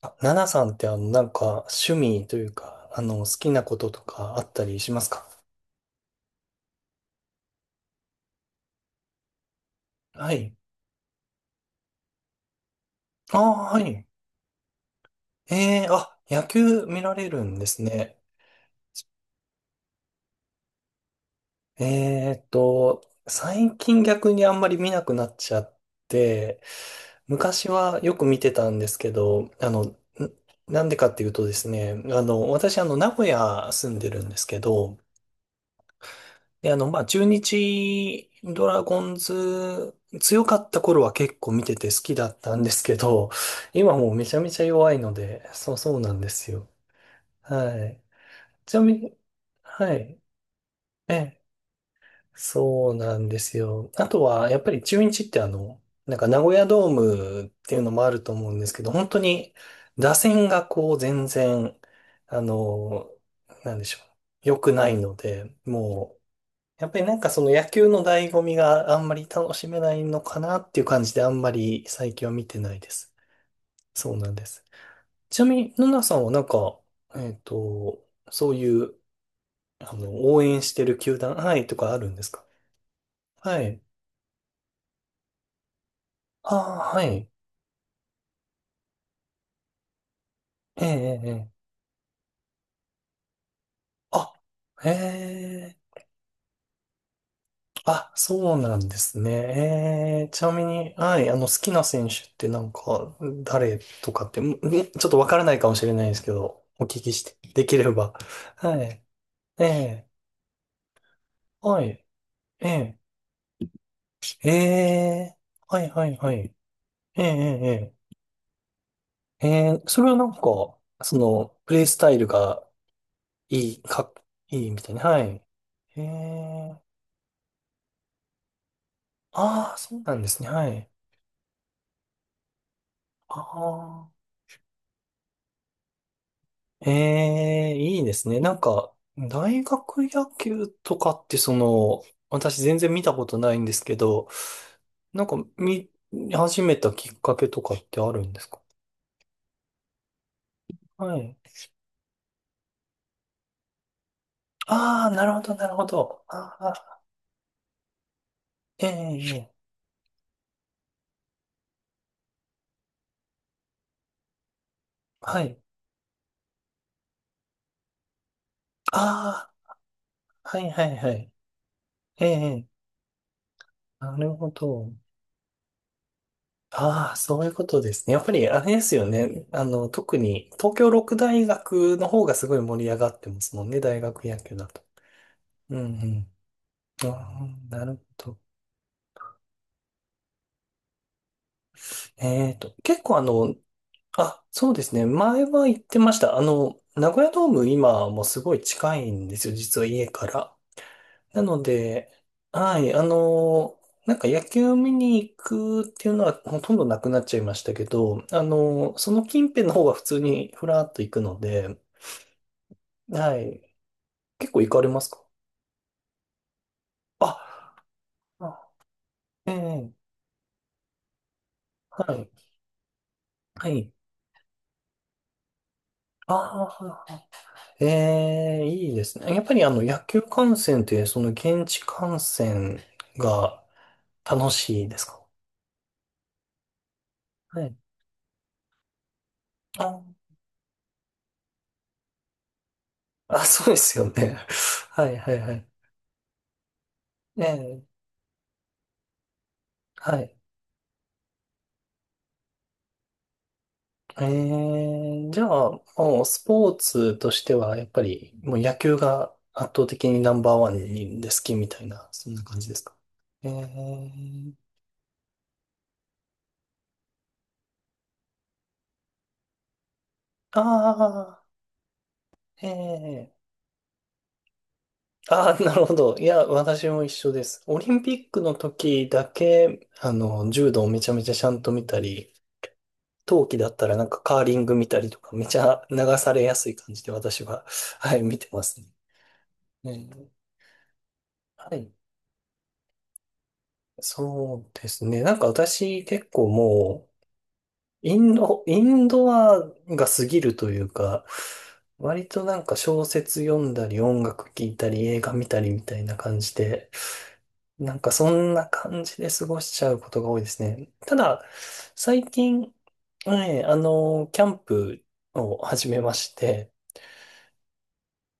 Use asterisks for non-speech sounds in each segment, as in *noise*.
あ、ナナさんって趣味というか、好きなこととかあったりしますか？はい。ああ、はい。えあ、野球見られるんですね。えーっと、最近逆にあんまり見なくなっちゃって、昔はよく見てたんですけど、なんでかっていうとですね、私名古屋住んでるんですけど、で、まあ、中日ドラゴンズ強かった頃は結構見てて好きだったんですけど、今もうめちゃめちゃ弱いので、そうそうなんですよ。はい。ちなみに、はい。ええ、そうなんですよ。あとは、やっぱり中日って名古屋ドームっていうのもあると思うんですけど、本当に打線がこう全然、あの、なんでしょう。良くないので、もう、やっぱりなんかその野球の醍醐味があんまり楽しめないのかなっていう感じであんまり最近は見てないです。そうなんです。ちなみに、ナナさんはなんか、そういう、応援してる球団、はい、とかあるんですか？はい。ああ、はい。ええ、ええ。ええ、あ、へえ。あ、そうなんですね。ちなみに、はい、好きな選手ってなんか、誰とかって、ちょっとわからないかもしれないですけど、お聞きして、できれば。はい。ええ、はい。ええ、ええ、はい、はい、はい。ええ、ええ、ええ、それはなんか、その、プレイスタイルがいい、かっ、いいみたいな。はい。ええ、ああ、そうなんですね。はい。ああ。ええ、いいですね。なんか、大学野球とかってその、私全然見たことないんですけど、なんか見始めたきっかけとかってあるんですか？はい。ああ、なるほど、なるほど。ああ、ええ、ええ、はい。ああ、はい、はい、はい。ええ、ええ、なるほど。ああ、そういうことですね。やっぱりあれですよね。特に東京六大学の方がすごい盛り上がってますもんね、大学野球だと。うん、うん。あなるほど。えっと、結構あの、あ、そうですね。前は行ってました。名古屋ドーム今もすごい近いんですよ。実は家から。なので、はい、なんか野球見に行くっていうのはほとんどなくなっちゃいましたけど、その近辺の方が普通にふらっと行くので、はい。結構行かれますか？あ、あ、ええ、はい。はい。ああ、ええ、いいですね。やっぱりあの野球観戦って、その現地観戦が楽しいですか？はい。あ、あ、そうですよね。*laughs* はいはいはい。ええ、はい。ええ、じゃあ、もうスポーツとしては、やっぱりもう野球が圧倒的にナンバーワンにで好きみたいな、そんな感じですか？ええ、ああ、ええ、ああ、なるほど。いや、私も一緒です。オリンピックの時だけ、柔道をめちゃめちゃちゃんと見たり、冬季だったらなんかカーリング見たりとか、めちゃ流されやすい感じで私は、*laughs* はい、見てますね。ね。はい。そうですね。なんか私結構もう、インドアが過ぎるというか、割となんか小説読んだり音楽聴いたり映画見たりみたいな感じで、なんかそんな感じで過ごしちゃうことが多いですね。ただ、最近、はい、キャンプを始めまして、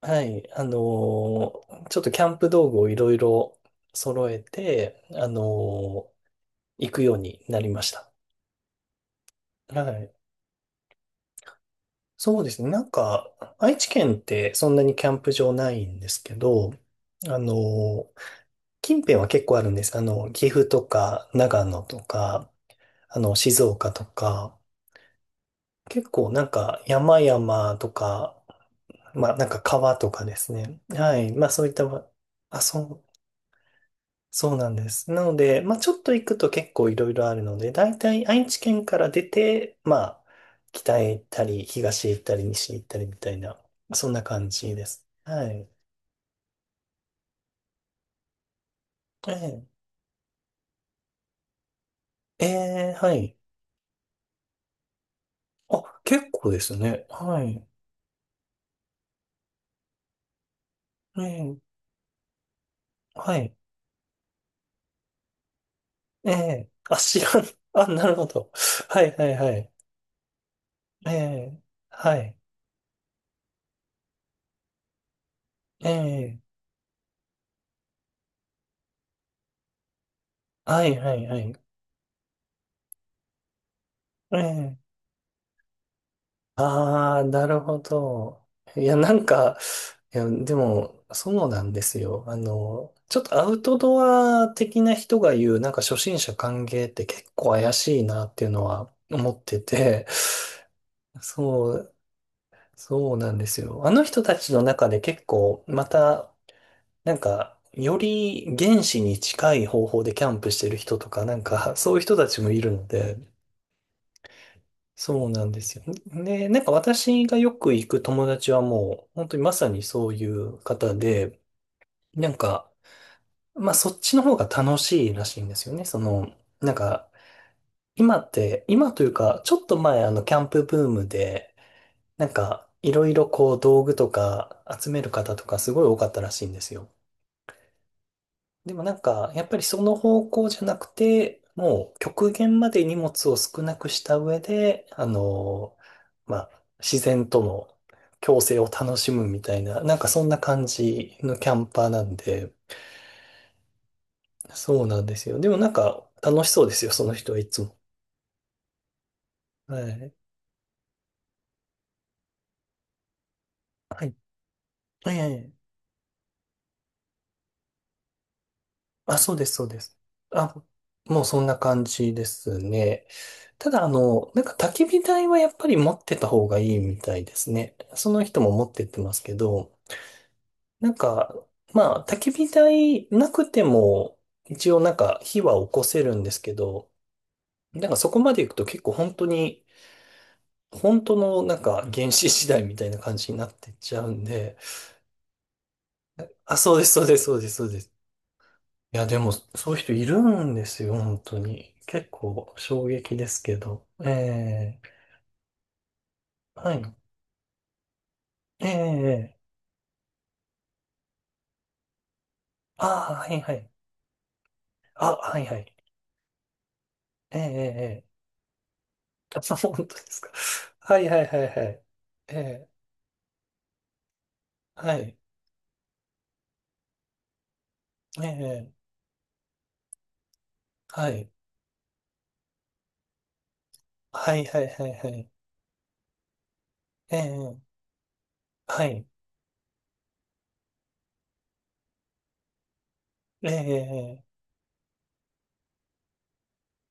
はい、ちょっとキャンプ道具をいろいろ揃えて、行くようになりました。はい。そうですね。なんか、愛知県ってそんなにキャンプ場ないんですけど、あの、近辺は結構あるんです。岐阜とか、長野とか、静岡とか、結構なんか山々とか、まあなんか川とかですね。はい。まあそういった、そうなんです。なので、まあ、ちょっと行くと結構いろいろあるので、大体愛知県から出て、まあ、北へ行ったり、東へ行ったり、西へ行ったりみたいな、そんな感じです。はい。ええ、はい。あ、結構ですね。はい。ええ、はい。ええ、あ、知らん。あ、なるほど。はい、はい、はい。ええ、はい。ええ、はい、はい、はい。ええ、ああ、なるほど。いや、なんか、いや、でも、そうなんですよ。ちょっとアウトドア的な人が言う、なんか初心者歓迎って結構怪しいなっていうのは思ってて、そう、そうなんですよ。あの人たちの中で結構、また、なんか、より原始に近い方法でキャンプしてる人とか、なんか、そういう人たちもいるので、そうなんですよ。で、なんか私がよく行く友達はもう、本当にまさにそういう方で、なんか、まあ、そっちの方が楽しいらしいんですよね。その、なんか、今って、今というか、ちょっと前、キャンプブームで、なんか、いろいろこう、道具とか集める方とかすごい多かったらしいんですよ。でもなんか、やっぱりその方向じゃなくて、もう極限まで荷物を少なくした上で、まあ、自然との共生を楽しむみたいな、なんかそんな感じのキャンパーなんで、そうなんですよ。でもなんか楽しそうですよ、その人はいつも。はい。はい。ええ。あ、そうです、そうです。あ、もうそんな感じですね。ただ、なんか焚き火台はやっぱり持ってた方がいいみたいですね。その人も持ってってますけど、なんか、まあ、焚き火台なくても、一応なんか火は起こせるんですけど、なんかそこまで行くと結構本当に、本当のなんか原始時代みたいな感じになってっちゃうんで、あ、そうです、そうです、そうです、そうです。いや、でも、そういう人いるんですよ、本当に。結構、衝撃ですけど。ええ、はい。ええ、ああ、はいはい。あ、はいはい。ええ、ええ、ええ、 *laughs* あ、本当ですか？はいはいはいはい。ええ、はい。ええ、はい。はいはいはいはい。ええ、はい。ええ、ええ、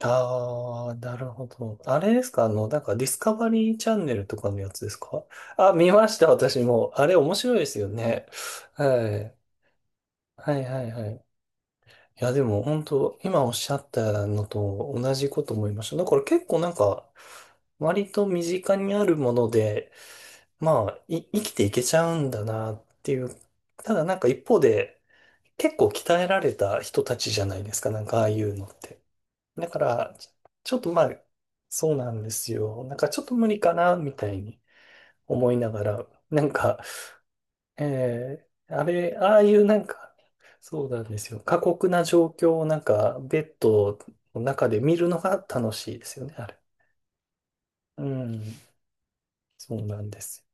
ああ、なるほど。あれですか？なんかディスカバリーチャンネルとかのやつですか？あ、見ました、私も。あれ面白いですよね。はい。はいはいはい。いや、でも本当、今おっしゃったのと同じこと思いました。だから結構なんか、割と身近にあるもので、まあ、生きていけちゃうんだなっていう。ただなんか一方で、結構鍛えられた人たちじゃないですか、なんかああいうのって。だから、ちょっとまあ、そうなんですよ。なんかちょっと無理かな、みたいに思いながら、なんか、あれ、ああいうなんか、そうなんですよ。過酷な状況をなんか、ベッドの中で見るのが楽しいですよね、あれ。うん、そうなんですよ。